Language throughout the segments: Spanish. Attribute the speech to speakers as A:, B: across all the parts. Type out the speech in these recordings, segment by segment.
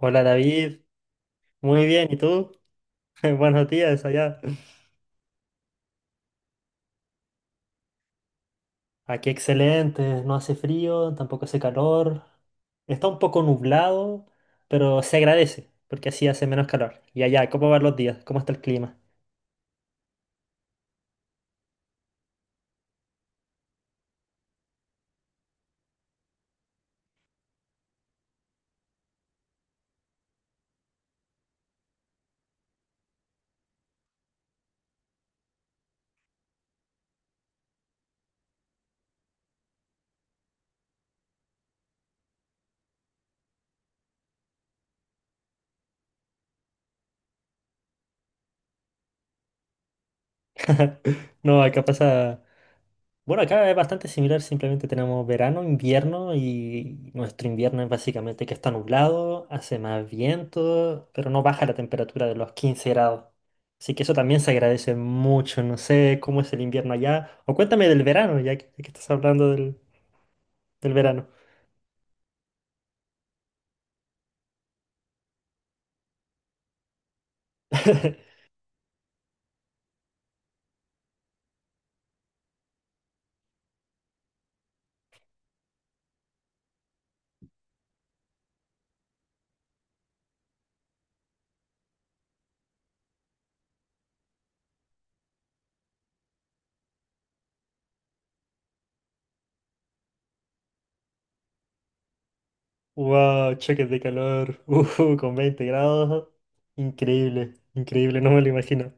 A: Hola David, muy bien, ¿y tú? Buenos días allá. Aquí excelente, no hace frío, tampoco hace calor. Está un poco nublado, pero se agradece, porque así hace menos calor. Y allá, ¿cómo van los días? ¿Cómo está el clima? No, acá pasa. Bueno, acá es bastante similar, simplemente tenemos verano, invierno y nuestro invierno es básicamente que está nublado, hace más viento, pero no baja la temperatura de los 15 grados. Así que eso también se agradece mucho. No sé cómo es el invierno allá. O cuéntame del verano, ya que estás hablando del verano. Wow, choques de calor, con 20 grados. Increíble, increíble, no me lo imagino.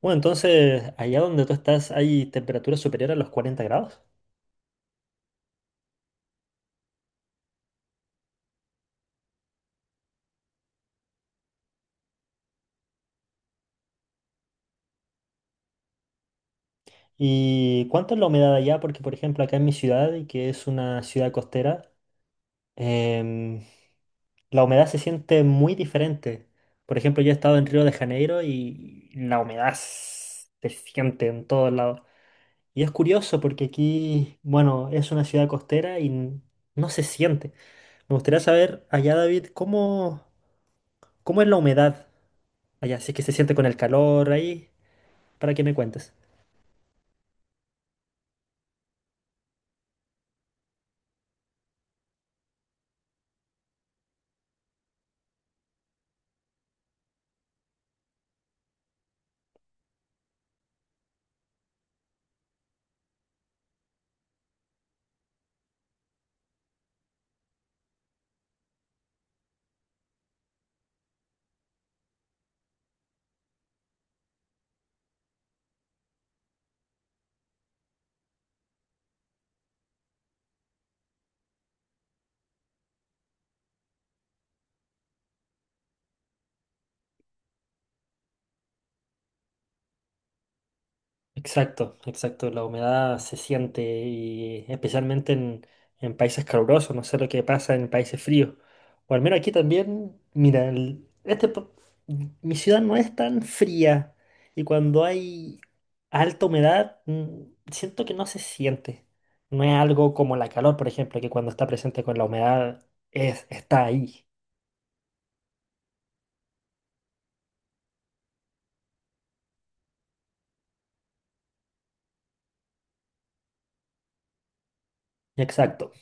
A: Bueno, entonces, allá donde tú estás, ¿hay temperaturas superiores a los 40 grados? ¿Y cuánto es la humedad allá? Porque, por ejemplo, acá en mi ciudad, y que es una ciudad costera, em, la humedad se siente muy diferente. Por ejemplo, yo he estado en Río de Janeiro y la humedad se siente en todos lados. Y es curioso porque aquí, bueno, es una ciudad costera y no se siente. Me gustaría saber allá, David, cómo, cómo es la humedad allá, si es que se siente con el calor ahí, para que me cuentes. Exacto, exacto. La humedad se siente y especialmente en países calurosos, no sé lo que pasa en países fríos. O al menos aquí también, mira, mi ciudad no es tan fría y cuando hay alta humedad, siento que no se siente. No es algo como la calor, por ejemplo, que cuando está presente con la humedad es, está ahí. Exacto.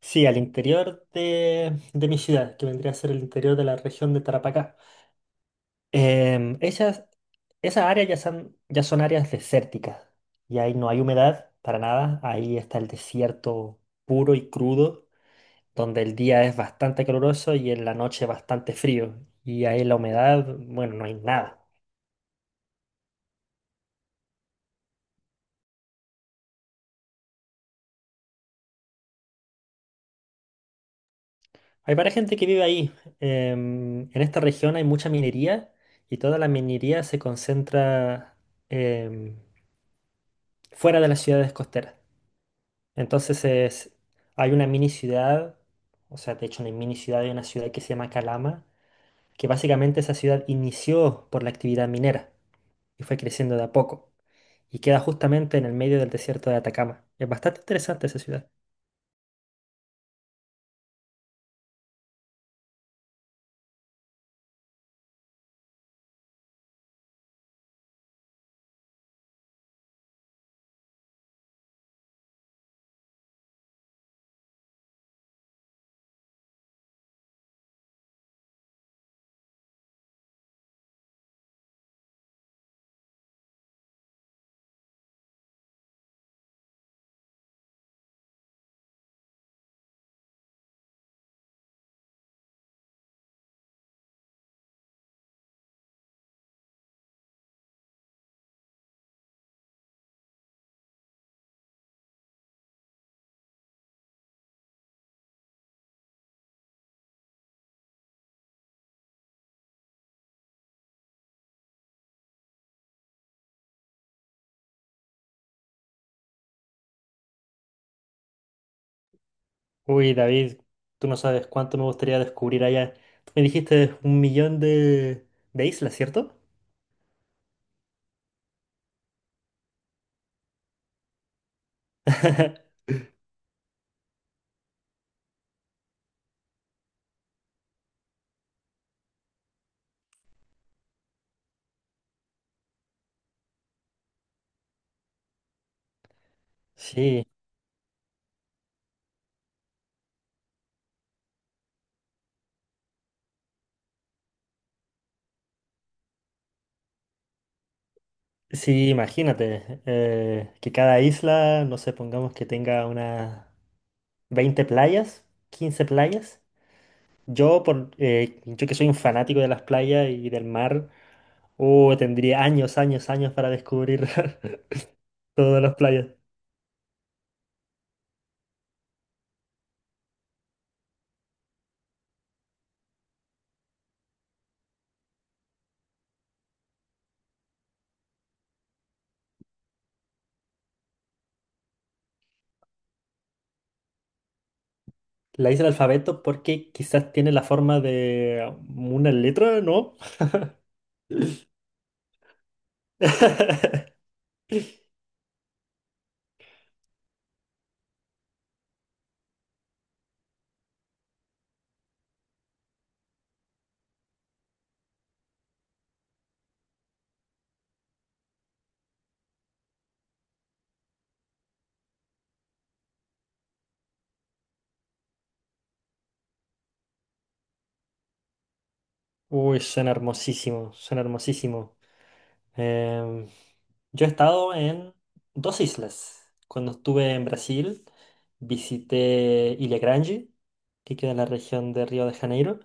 A: Sí, al interior de mi ciudad, que vendría a ser el interior de la región de Tarapacá. Em, esas, esas áreas ya son áreas desérticas y ahí no hay humedad para nada. Ahí está el desierto puro y crudo, donde el día es bastante caluroso y en la noche bastante frío. Y ahí la humedad, bueno, no hay nada. Hay varias gente que vive ahí. En esta región hay mucha minería y toda la minería se concentra em, fuera de las ciudades costeras. Entonces es, hay una mini ciudad, o sea, de hecho una mini ciudad, hay una ciudad que se llama Calama, que básicamente esa ciudad inició por la actividad minera y fue creciendo de a poco. Y queda justamente en el medio del desierto de Atacama. Es bastante interesante esa ciudad. Uy, David, tú no sabes cuánto me gustaría descubrir allá. Tú me dijiste un millón de islas, ¿cierto? Sí, sí, imagínate, que cada isla, no sé, pongamos que tenga una... 20 playas, 15 playas. Yo que soy un fanático de las playas y del mar, oh, tendría años, años, años para descubrir todas las playas. La hice el alfabeto porque quizás tiene la forma de una letra, ¿no? Uy, suena hermosísimo, suena hermosísimo. Em, yo he estado en dos islas. Cuando estuve en Brasil, visité Ilha Grande, que queda en la región de Río de Janeiro.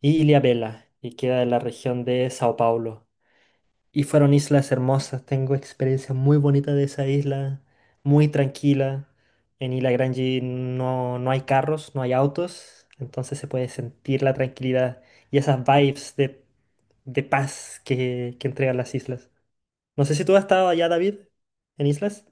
A: Y Ilhabela, y queda en la región de Sao Paulo. Y fueron islas hermosas, tengo experiencias muy bonitas de esa isla, muy tranquila. En Ilha Grande no hay carros, no hay autos, entonces se puede sentir la tranquilidad y esas vibes de paz que entregan las islas. No sé si tú has estado allá, David, en islas.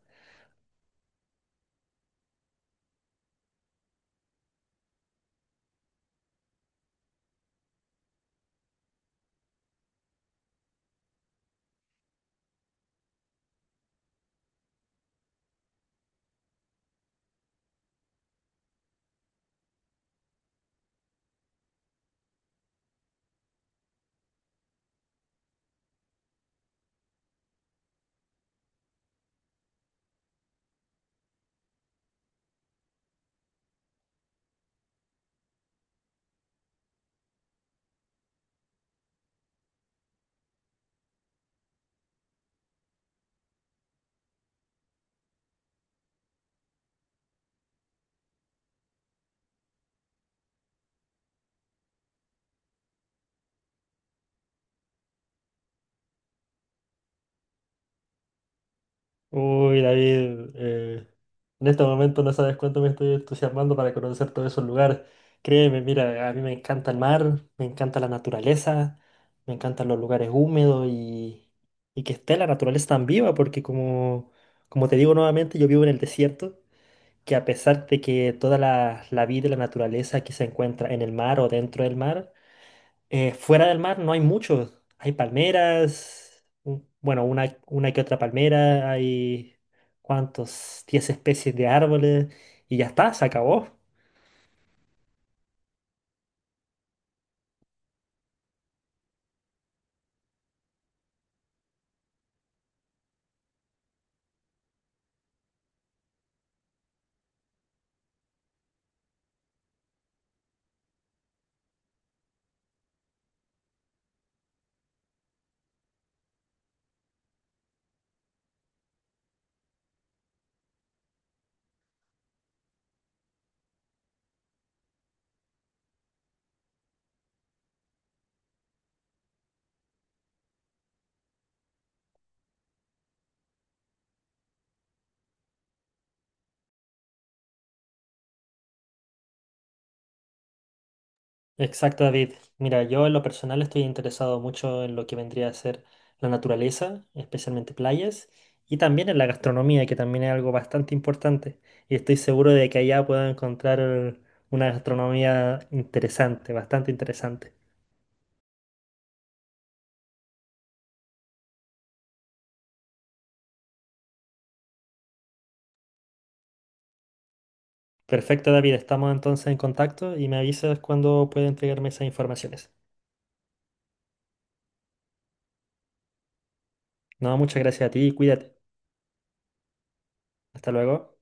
A: Uy, David, en este momento no sabes cuánto me estoy entusiasmando para conocer todos esos lugares. Créeme, mira, a mí me encanta el mar, me encanta la naturaleza, me encantan los lugares húmedos y que esté la naturaleza tan viva, porque como te digo nuevamente, yo vivo en el desierto, que a pesar de que toda la vida y la naturaleza que se encuentra en el mar o dentro del mar, fuera del mar no hay mucho. Hay palmeras, bueno, una que otra palmera, hay cuántos, 10 especies de árboles y ya está, se acabó. Exacto, David. Mira, yo en lo personal estoy interesado mucho en lo que vendría a ser la naturaleza, especialmente playas, y también en la gastronomía, que también es algo bastante importante. Y estoy seguro de que allá puedo encontrar una gastronomía interesante, bastante interesante. Perfecto, David. Estamos entonces en contacto y me avisas cuando pueda entregarme esas informaciones. No, muchas gracias a ti y cuídate. Hasta luego.